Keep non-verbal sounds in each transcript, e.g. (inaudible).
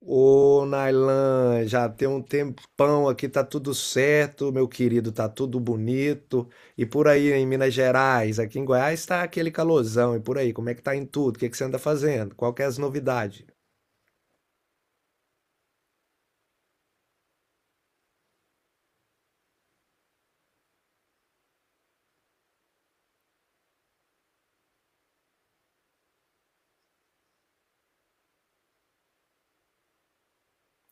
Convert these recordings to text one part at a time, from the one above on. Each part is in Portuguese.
Ô, Nailan, já tem um tempão aqui, tá tudo certo, meu querido, tá tudo bonito. E por aí em Minas Gerais, aqui em Goiás tá aquele calorzão, e por aí, como é que tá em tudo? O que é que você anda fazendo? Qual que é as novidades?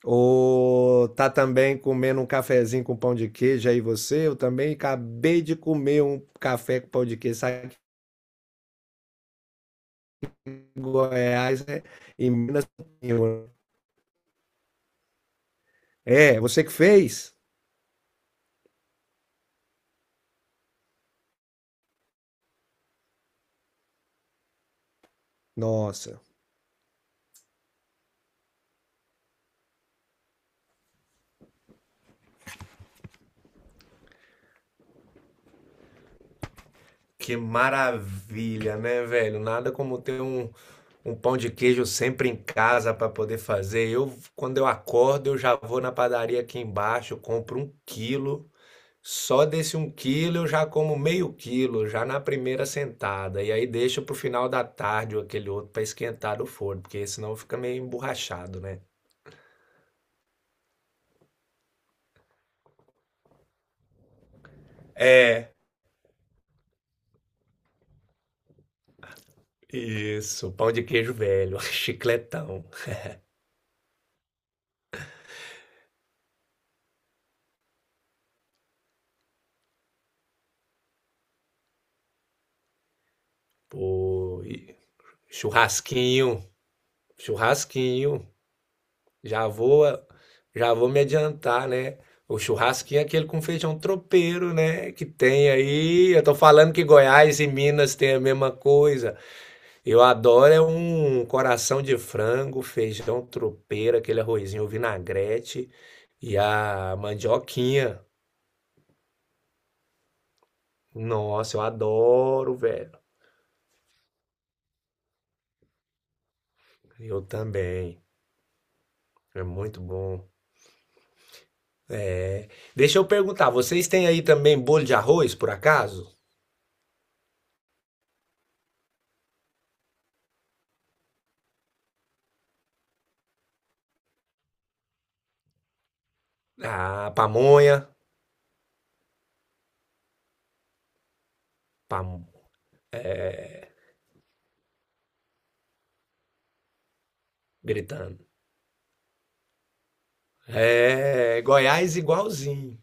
Ou tá também comendo um cafezinho com pão de queijo aí você? Eu também acabei de comer um café com pão de queijo, sabe que em Goiás, né? Em Minas. É, você que fez? Nossa. Que maravilha, né, velho? Nada como ter um, um pão de queijo sempre em casa para poder fazer. Eu, quando eu acordo, eu já vou na padaria aqui embaixo, compro um quilo. Só desse um quilo eu já como meio quilo, já na primeira sentada. E aí deixo pro final da tarde ou aquele outro para esquentar do forno, porque senão fica meio emborrachado, né? É, isso, pão de queijo velho, (laughs) chicletão. Pô, e churrasquinho, churrasquinho. Já vou, já vou me adiantar, né? O churrasquinho é aquele com feijão tropeiro, né? Que tem aí. Eu tô falando que Goiás e Minas tem a mesma coisa. Eu adoro é um coração de frango, feijão tropeiro, aquele arrozinho vinagrete e a mandioquinha. Nossa, eu adoro, velho. Eu também. É muito bom. Deixa eu perguntar, vocês têm aí também bolo de arroz, por acaso? Ah, pamonha. Pam... Gritando. É, é, Goiás igualzinho.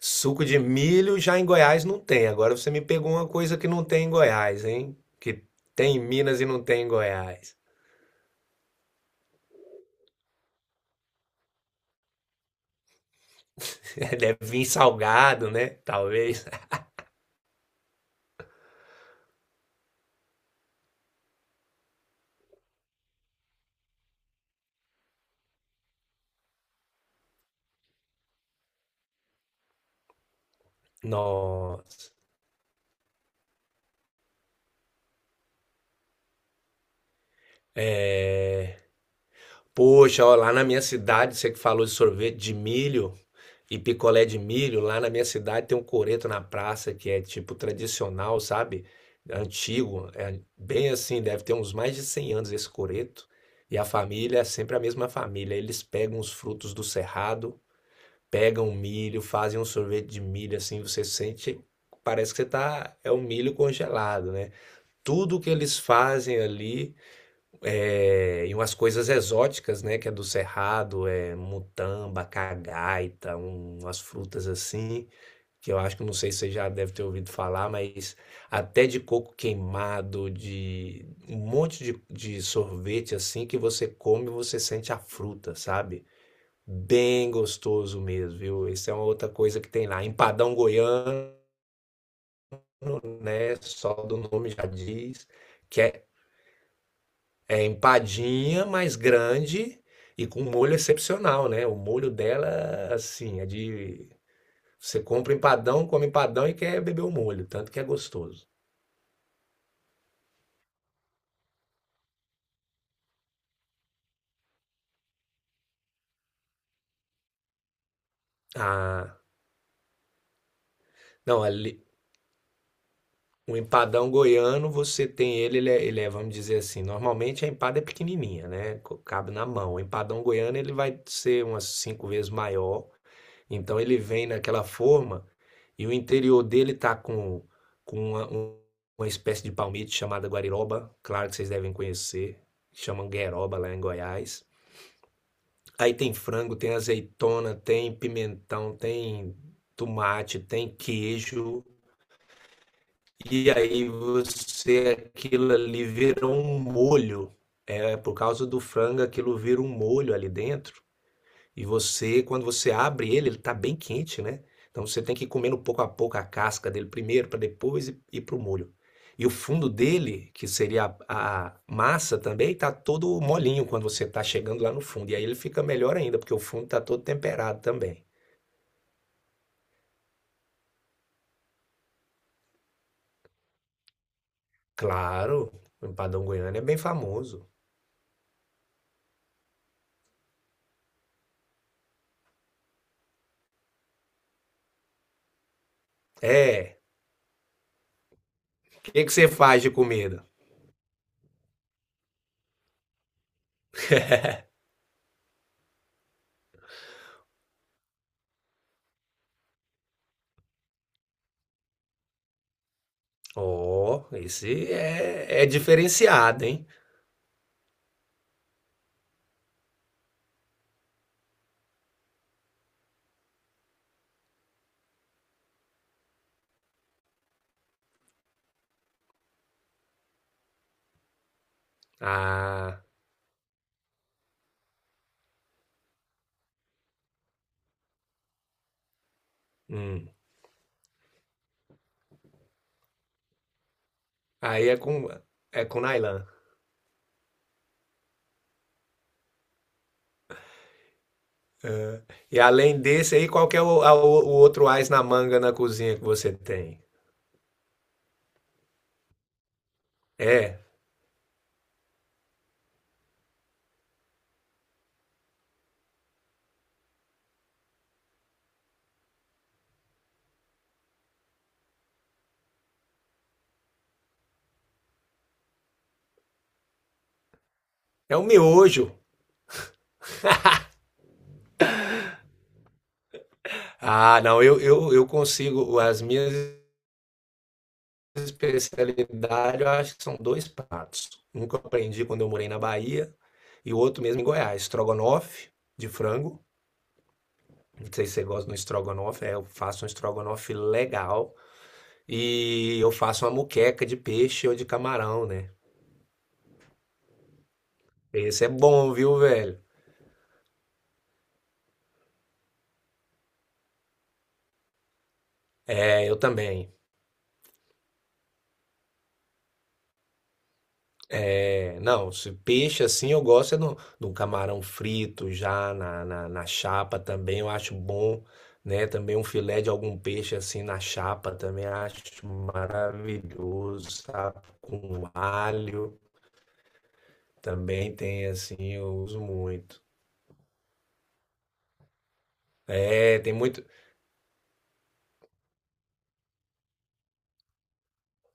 Suco de milho já em Goiás não tem. Agora você me pegou uma coisa que não tem em Goiás, hein? Que tem em Minas e não tem em Goiás. (laughs) Deve vir salgado, né? Talvez. Nossa. Poxa, ó, lá na minha cidade, você que falou de sorvete de milho e picolé de milho, lá na minha cidade tem um coreto na praça que é tipo tradicional, sabe? Antigo, é bem assim, deve ter uns mais de 100 anos esse coreto. E a família é sempre a mesma família. Eles pegam os frutos do cerrado, pegam o milho, fazem um sorvete de milho assim, você sente, parece que você tá, é um milho congelado, né? Tudo que eles fazem ali é, e umas coisas exóticas, né? Que é do Cerrado, é mutamba, cagaita, umas frutas assim, que eu acho que não sei se você já deve ter ouvido falar, mas até de coco queimado, de um monte de sorvete assim que você come e você sente a fruta, sabe? Bem gostoso mesmo, viu? Isso é uma outra coisa que tem lá. Empadão goiano, né? Só do nome já diz. Que é é empadinha, mas grande e com um molho excepcional, né? O molho dela, assim, é de. Você compra empadão, come empadão e quer beber o molho, tanto que é gostoso. Ah, não, ali, o empadão goiano, você tem ele, ele é, vamos dizer assim, normalmente a empada é pequenininha, né? Cabe na mão. O empadão goiano, ele vai ser umas 5 vezes maior. Então ele vem naquela forma e o interior dele tá com uma, uma espécie de palmito chamada guariroba, claro que vocês devem conhecer, chamam gueroba lá em Goiás. Aí tem frango, tem azeitona, tem pimentão, tem tomate, tem queijo. E aí você, aquilo ali vira um molho. É, por causa do frango, aquilo vira um molho ali dentro. E você, quando você abre ele, ele está bem quente, né? Então você tem que ir comendo pouco a pouco a casca dele primeiro, para depois ir pro molho. E o fundo dele, que seria a massa também, tá todo molinho quando você tá chegando lá no fundo. E aí ele fica melhor ainda, porque o fundo tá todo temperado também. Claro, o empadão goiano é bem famoso. É, o que que você faz de comida? Ó, esse é, é diferenciado, hein? Ah, hum. Aí é com nylon. E além desse aí, qual que é o, o outro ás na manga na cozinha que você tem? É, é o miojo. Ah, não, eu consigo, as minhas especialidades, eu acho que são dois pratos. Um que eu aprendi quando eu morei na Bahia e o outro mesmo em Goiás, estrogonofe de frango. Não sei se você gosta do estrogonofe, é, eu faço um estrogonofe legal e eu faço uma muqueca de peixe ou de camarão, né? Esse é bom, viu, velho? É, eu também. É, não, se peixe assim eu gosto é no, do camarão frito já na, na, na chapa também, eu acho bom, né? Também um filé de algum peixe assim na chapa também acho maravilhoso, sabe? Com alho também tem assim, eu uso muito. É, tem muito.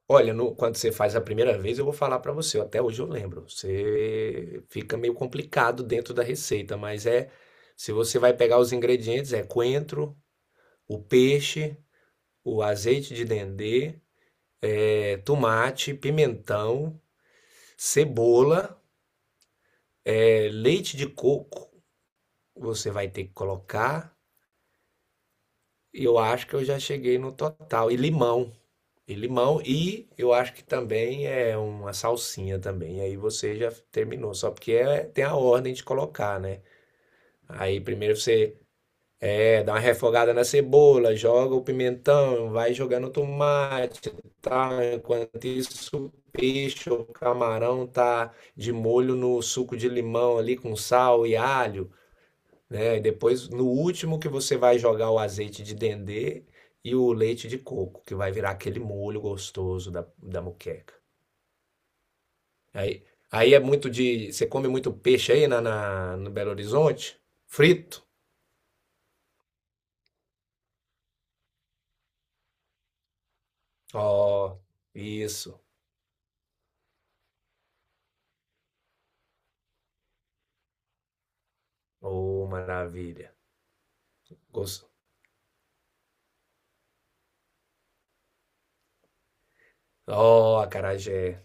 Olha, quando você faz a primeira vez, eu vou falar pra você, até hoje eu lembro. Você fica meio complicado dentro da receita, mas é, se você vai pegar os ingredientes, é coentro, o peixe, o azeite de dendê, é, tomate, pimentão, cebola, é, leite de coco. Você vai ter que colocar. Eu acho que eu já cheguei no total. E limão. E limão. E eu acho que também é uma salsinha também. Aí você já terminou. Só porque tem a ordem de colocar, né? Aí primeiro você é, dá uma refogada na cebola, joga o pimentão, vai jogando o tomate, tá? Enquanto isso, o peixe ou camarão tá de molho no suco de limão ali com sal e alho, né? E depois, no último que você vai jogar o azeite de dendê e o leite de coco, que vai virar aquele molho gostoso da, da moqueca. Aí, aí é muito de... Você come muito peixe aí na, no Belo Horizonte? Frito? Ó, isso. Ô, maravilha. Gosto. Oh, acarajé.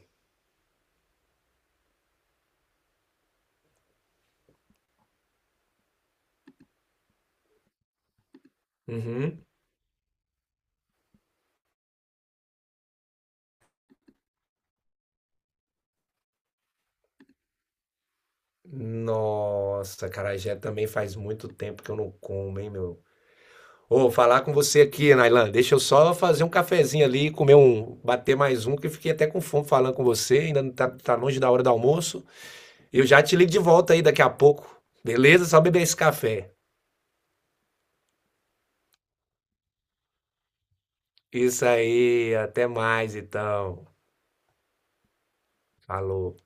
Uhum. Nossa, acarajé também faz muito tempo que eu não como, hein, meu? Ô, falar com você aqui, Nailan. Deixa eu só fazer um cafezinho ali, comer um, bater mais um, que eu fiquei até com fome falando com você. Ainda não tá, tá longe da hora do almoço. Eu já te ligo de volta aí daqui a pouco. Beleza? Só beber esse café. Isso aí, até mais então. Falou.